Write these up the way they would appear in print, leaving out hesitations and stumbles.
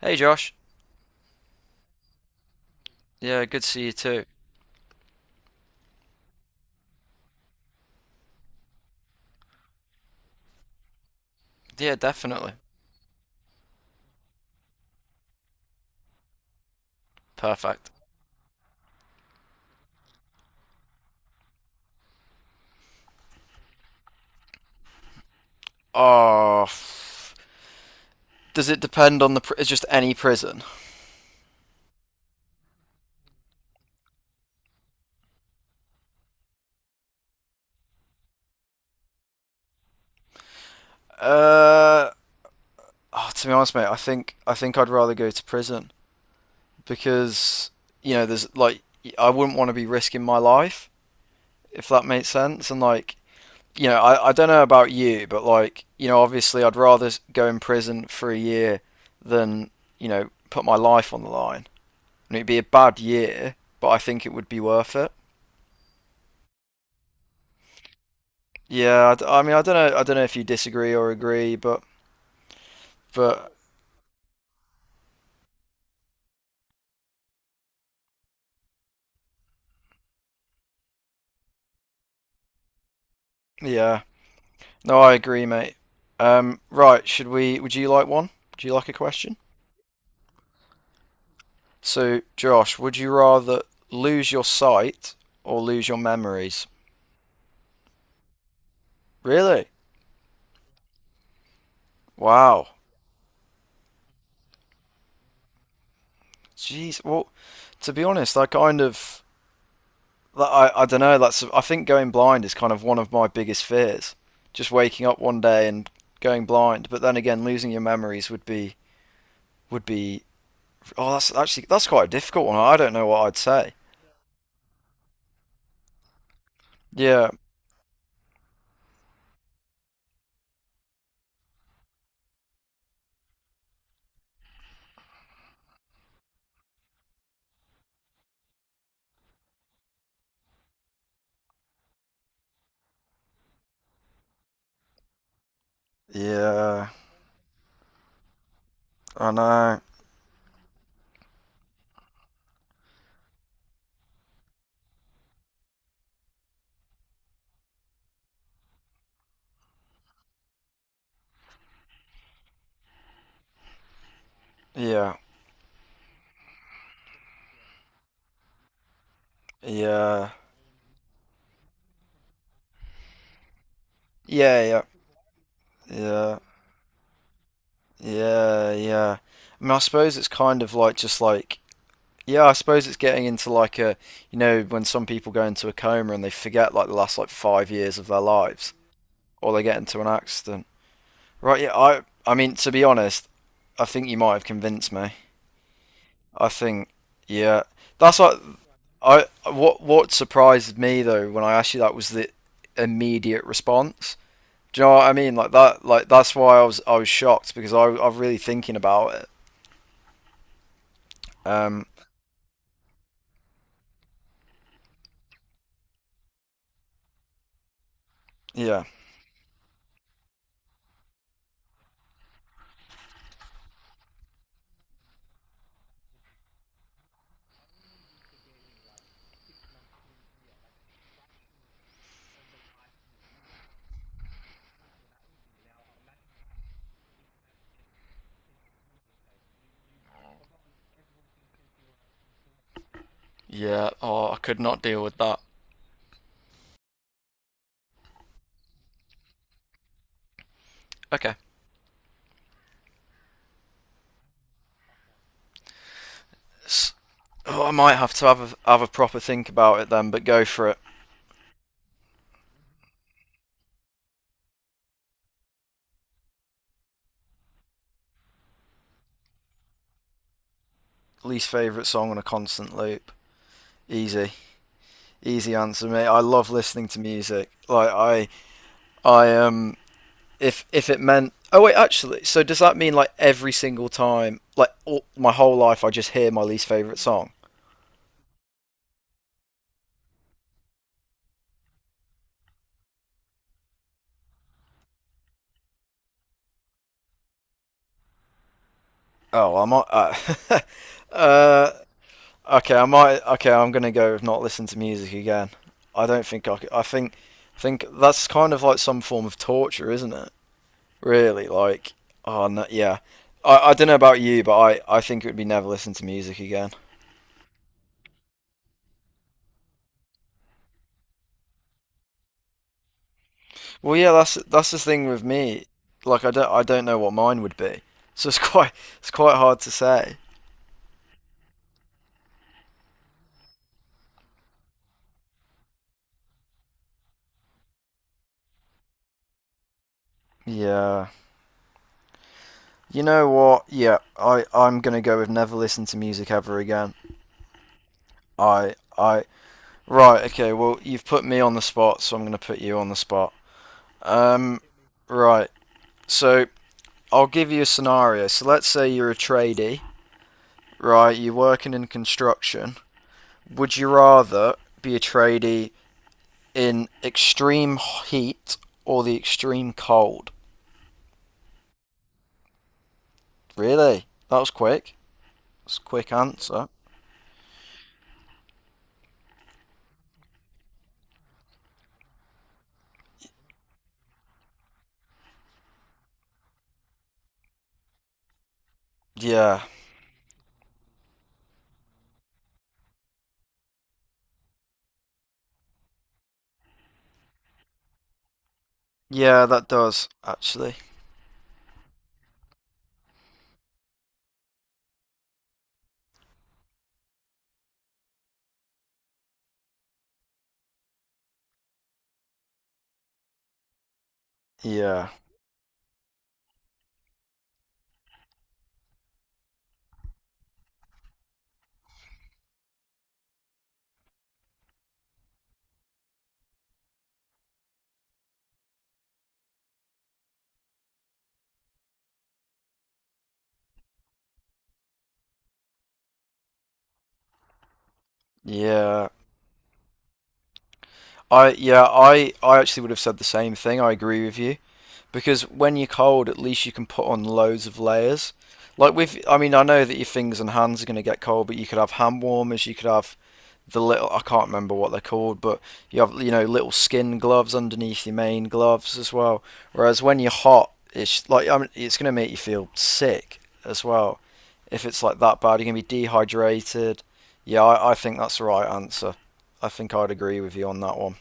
Hey, Josh. Yeah, good to see you too. Yeah, definitely. Perfect. Oh, does it depend on the? It's just any prison. Uh, oh, to be honest, mate, I think I'd rather go to prison because there's like I wouldn't want to be risking my life if that makes sense. And like I don't know about you, but like obviously I'd rather go in prison for a year than put my life on the line. And it'd be a bad year, but I think it would be worth it. Yeah, I mean, I don't know. I don't know if you disagree or agree, but yeah, no, I agree, mate. Right, should we? Would you like one? Do you like a question? So, Josh, would you rather lose your sight or lose your memories? Really? Wow. Jeez. Well, to be honest, I kind of, like, I don't know. That's I think going blind is kind of one of my biggest fears. Just waking up one day and going blind. But then again, losing your memories would be. Oh, that's actually that's quite a difficult one. I don't know what I'd say. Yeah, yeah, I know. Yeah, yeah, yeah, yeah, yeah, yeah, yeah. I mean, I suppose it's kind of like just like, yeah, I suppose it's getting into like a, when some people go into a coma and they forget like the last like 5 years of their lives, or they get into an accident. Right? Yeah, I mean, to be honest, I think you might have convinced me. I think, yeah, that's like, I what surprised me though when I asked you that was the immediate response. Do you know what I mean? Like that. Like that's why I was shocked because I'm really thinking about it. Um. Yeah. Yeah. Oh, I could not deal with that. Okay. Oh, I might have to have a proper think about it then. But go for it. Least favorite song on a constant loop. Easy. Easy answer, mate. I love listening to music. Like I if it meant, oh, wait, actually, so does that mean like every single time, like, all, my whole life I just hear my least favorite song? Oh, I might. Uh, okay, I might. Okay, I'm gonna go with not listen to music again. I don't think I could. I think that's kind of like some form of torture, isn't it? Really, like, oh no, yeah. I don't know about you, but I think it would be never listen to music again. Well, yeah, that's the thing with me. Like, I don't know what mine would be, so it's quite it's quite hard to say. Yeah, you know what? Yeah, I'm gonna go with never listen to music ever again. I I right, okay. Well, you've put me on the spot, so I'm gonna put you on the spot. Um, right. So I'll give you a scenario. So let's say you're a tradie, right? You're working in construction. Would you rather be a tradie in extreme heat or the extreme cold? Really? That was quick. That's a quick answer. Yeah. Yeah, that does actually. Yeah. Yeah. I yeah, I actually would have said the same thing. I agree with you because when you're cold, at least you can put on loads of layers. Like with, I mean, I know that your fingers and hands are going to get cold, but you could have hand warmers, you could have the little, I can't remember what they're called, but you have little skin gloves underneath your main gloves as well. Whereas when you're hot, it's like, I mean, it's gonna make you feel sick as well. If it's like that bad, you're gonna be dehydrated. Yeah, I think that's the right answer. I think I'd agree with you on that one.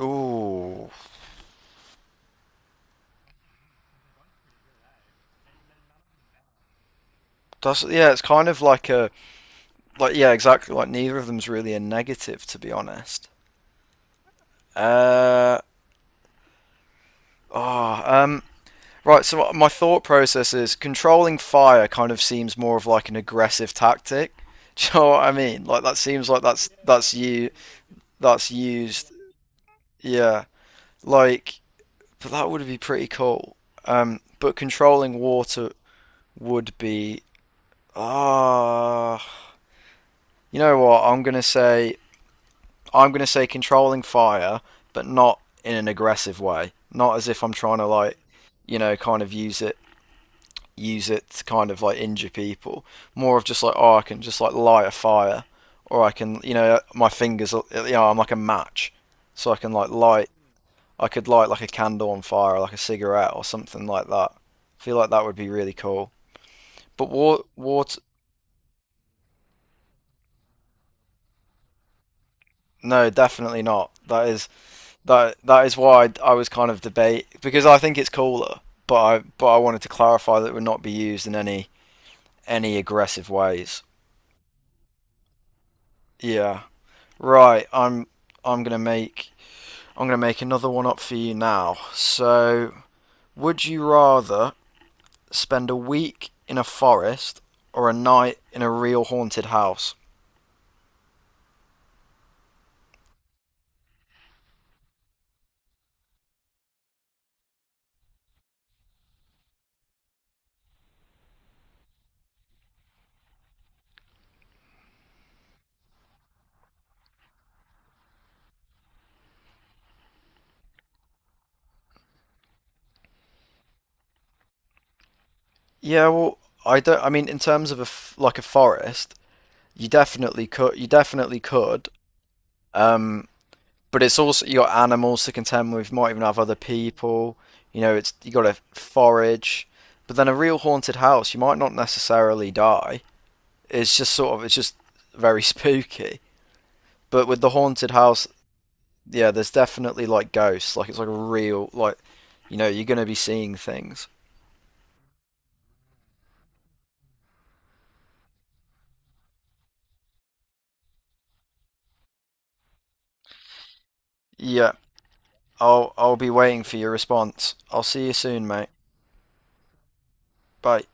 Ooh, that's, yeah. It's kind of like a, like, yeah, exactly. Like neither of them's really a negative, to be honest. Uh oh, um, Right, so my thought process is controlling fire kind of seems more of like an aggressive tactic. Do you know what I mean? Like that seems like that's you, that's used. Yeah, like, but that would be pretty cool. But controlling water would be, ah. You know what? I'm gonna say controlling fire, but not in an aggressive way. Not as if I'm trying to, like, kind of use it, to kind of like injure people. More of just like, oh, I can just like light a fire, or I can, my fingers, I'm like a match, so I can like light. I could light like a candle on fire, or like a cigarette, or something like that. I feel like that would be really cool. But water, no, definitely not. That is, that is why I was kind of debate, because I think it's cooler, but I wanted to clarify that it would not be used in any aggressive ways. Yeah. Right, I'm gonna make I'm going to make another one up for you now. So, would you rather spend a week in a forest or a night in a real haunted house? Yeah, well, I don't. I mean, in terms of a forest, you definitely could. You definitely could. Um, but it's also, you got animals to contend with. You might even have other people. You know, it's, you got to forage. But then a real haunted house, you might not necessarily die. It's just very spooky. But with the haunted house, yeah, there's definitely like ghosts. Like it's like a real, like, you know, you're gonna be seeing things. Yeah, I'll be waiting for your response. I'll see you soon, mate. Bye.